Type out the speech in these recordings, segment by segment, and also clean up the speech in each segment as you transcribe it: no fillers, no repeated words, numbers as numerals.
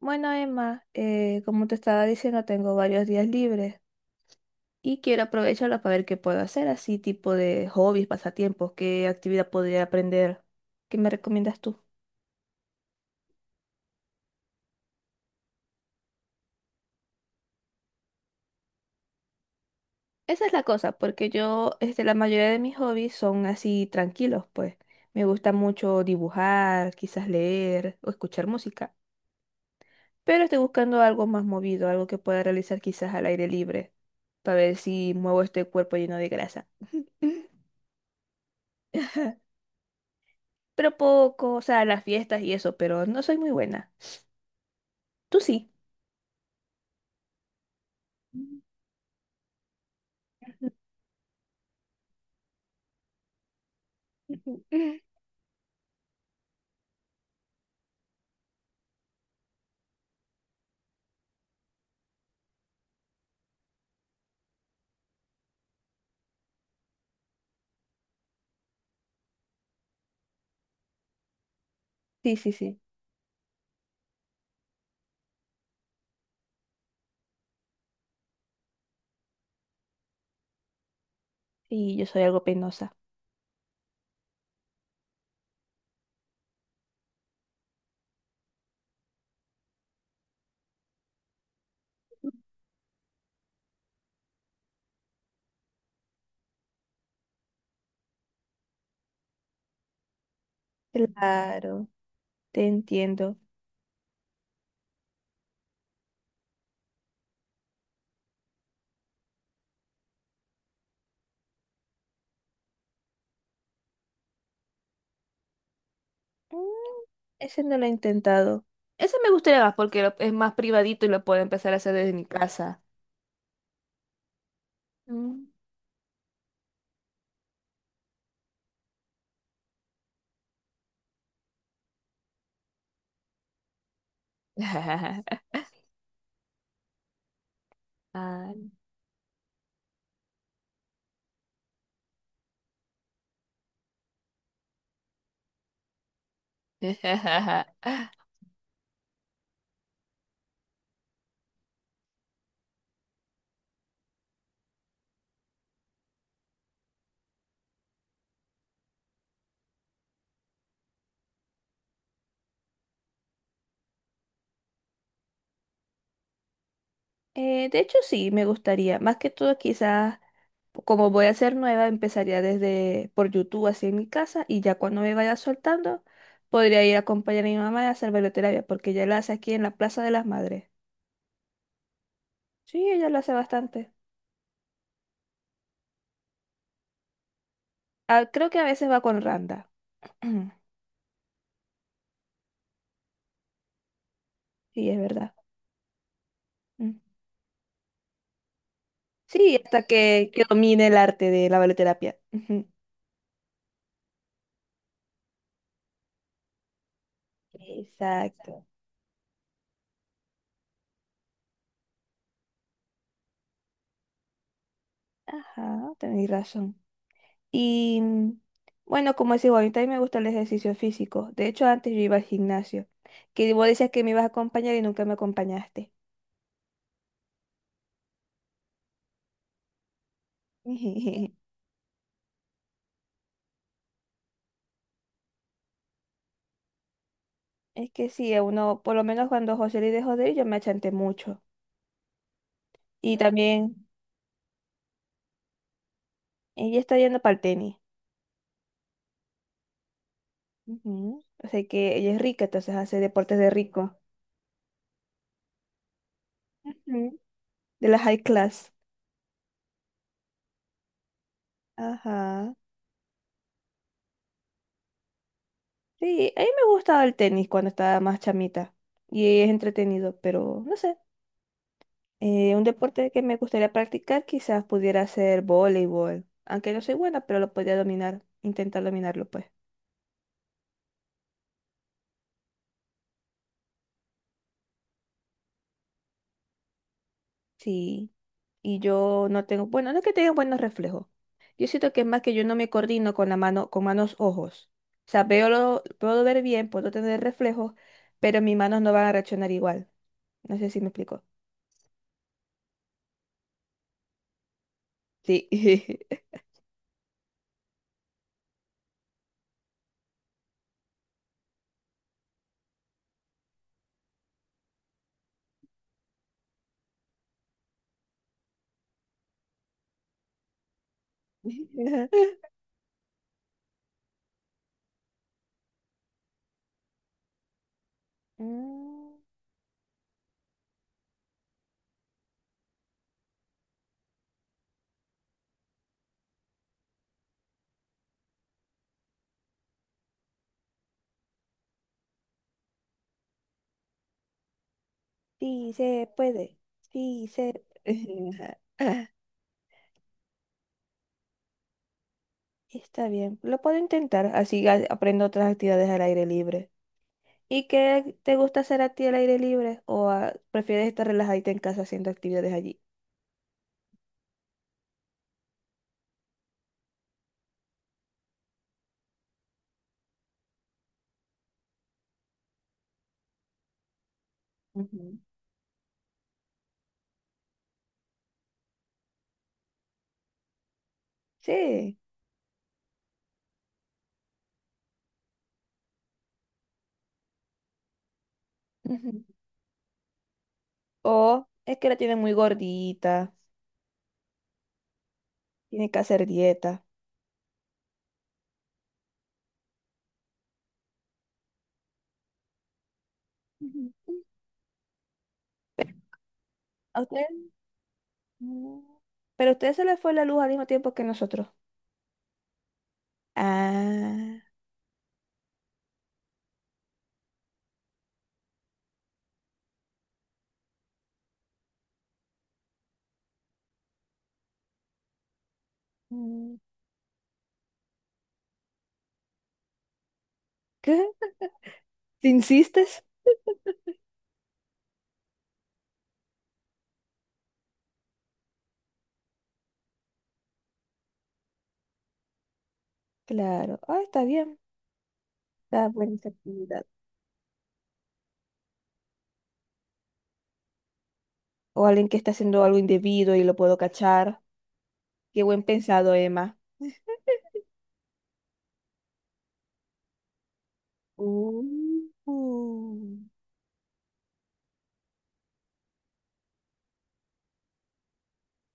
Bueno, Emma, como te estaba diciendo, tengo varios días libres y quiero aprovecharlos para ver qué puedo hacer, así tipo de hobbies, pasatiempos, qué actividad podría aprender. ¿Qué me recomiendas tú? Esa es la cosa, porque la mayoría de mis hobbies son así tranquilos, pues. Me gusta mucho dibujar, quizás leer o escuchar música, pero estoy buscando algo más movido, algo que pueda realizar quizás al aire libre, para ver si muevo este cuerpo lleno de grasa. Pero poco, o sea, las fiestas y eso, pero no soy muy buena. Tú sí. Sí, sí, sí. Sí, yo soy algo penosa. Claro, te entiendo. Mm, ese no lo he intentado. Ese me gustaría más porque es más privadito y lo puedo empezar a hacer desde mi casa. Mm. Ay. De hecho, sí, me gustaría. Más que todo, quizás, como voy a ser nueva, empezaría desde por YouTube, así en mi casa, y ya cuando me vaya soltando, podría ir a acompañar a mi mamá a hacer bailoterapia, porque ella la hace aquí en la Plaza de las Madres. Sí, ella lo hace bastante. Ah, creo que a veces va con Randa. Sí, es verdad. Mm. Sí, hasta que domine el arte de la baloterapia. Exacto. Ajá, tenéis razón. Y mm, bueno, como es igual, a mí también me gusta el ejercicio físico. De hecho, antes yo iba al gimnasio, que vos decías que me ibas a acompañar y nunca me acompañaste. Es que sí, a uno, por lo menos cuando José le dejó de ir, yo me achanté mucho. Y también ella está yendo para el tenis. Ujú. O sea que ella es rica, entonces hace deportes de rico. Ujú. De la high class. Ajá. Sí, a mí me gustaba el tenis cuando estaba más chamita. Y es entretenido, pero no sé. Un deporte que me gustaría practicar quizás pudiera ser voleibol, aunque no soy buena, pero lo podría dominar, intentar dominarlo pues. Sí, y yo no tengo, bueno, no es que tenga buenos reflejos. Yo siento que es más que yo no me coordino con la mano, con manos ojos. O sea, veo lo, puedo ver bien, puedo tener reflejos, pero mis manos no van a reaccionar igual. No sé si me explico. Sí. Mm, sí, se puede. Sí, se... Está bien, lo puedo intentar, así aprendo otras actividades al aire libre. ¿Y qué te gusta hacer a ti al aire libre? ¿O ah, prefieres estar relajadita en casa haciendo actividades allí? Ujú. Sí. Ujú. O es que la tienen muy gordita, tiene que hacer dieta. Ujú. ¿A usted? Mm. Pero a usted se le fue la luz al mismo tiempo que nosotros. Ah. Mm. ¿Qué? ¿Te insistes? Claro. Ah, está bien. Está buena esta actividad. O alguien que está haciendo algo indebido y lo puedo cachar. Qué buen pensado, Emma. Uh.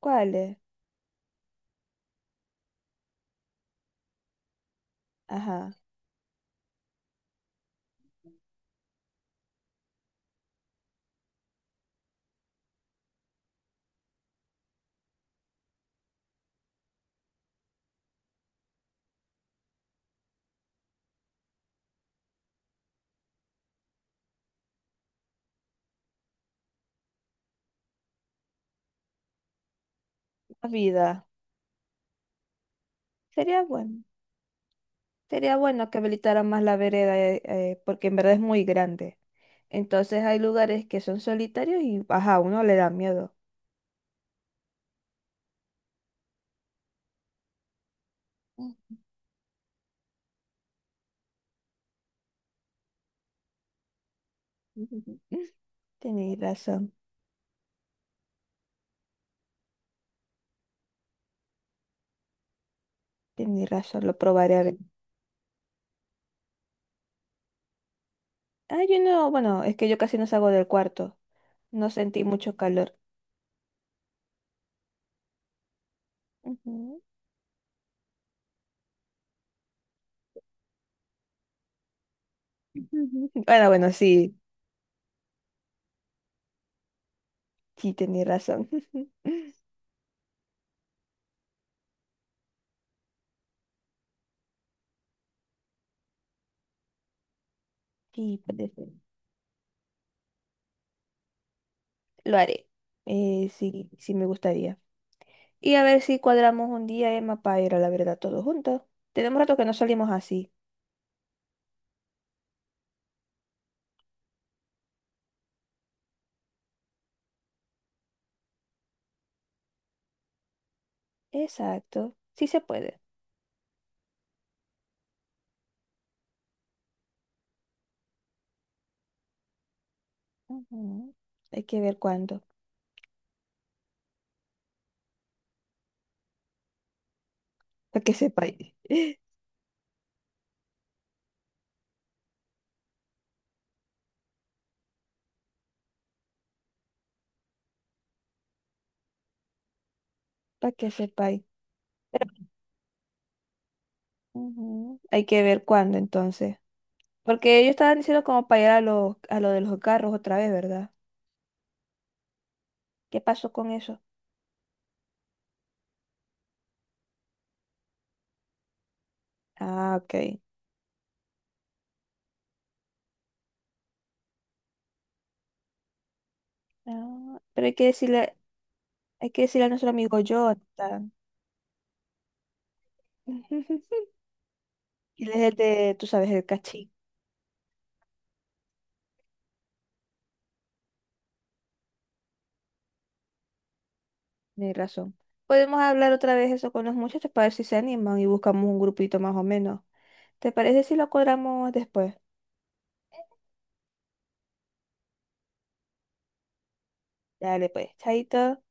¿Cuál es? Ajá, la vida. Sería bueno. Sería bueno que habilitaran más la vereda, porque en verdad es muy grande. Entonces hay lugares que son solitarios y, ajá, a uno le da miedo. Tenéis razón, tenéis razón, lo probaré a ver. Ah, yo no, bueno, es que yo casi no salgo del cuarto. No sentí mucho calor. Ujú. Bueno, bueno, sí, sí, tenéis razón. Sí, puede ser. Lo haré. Sí, sí me gustaría. Y a ver si cuadramos un día, Emma, para ir a la verdad todos juntos. Tenemos rato que no salimos así. Exacto. Sí se puede. Ujú. Hay que ver cuándo. Para que sepáis. Para que sepáis. Ujú. Hay que ver cuándo entonces. Porque ellos estaban diciendo como para ir a los, a lo de los carros otra vez, ¿verdad? ¿Qué pasó con eso? Ah, ok. Ah, pero hay que decirle a nuestro amigo Jonathan. Él es el de, tú sabes, el cachín. Ni razón. Podemos hablar otra vez eso con los muchachos para ver si se animan y buscamos un grupito más o menos. ¿Te parece si lo cuadramos después? Dale pues, chaito.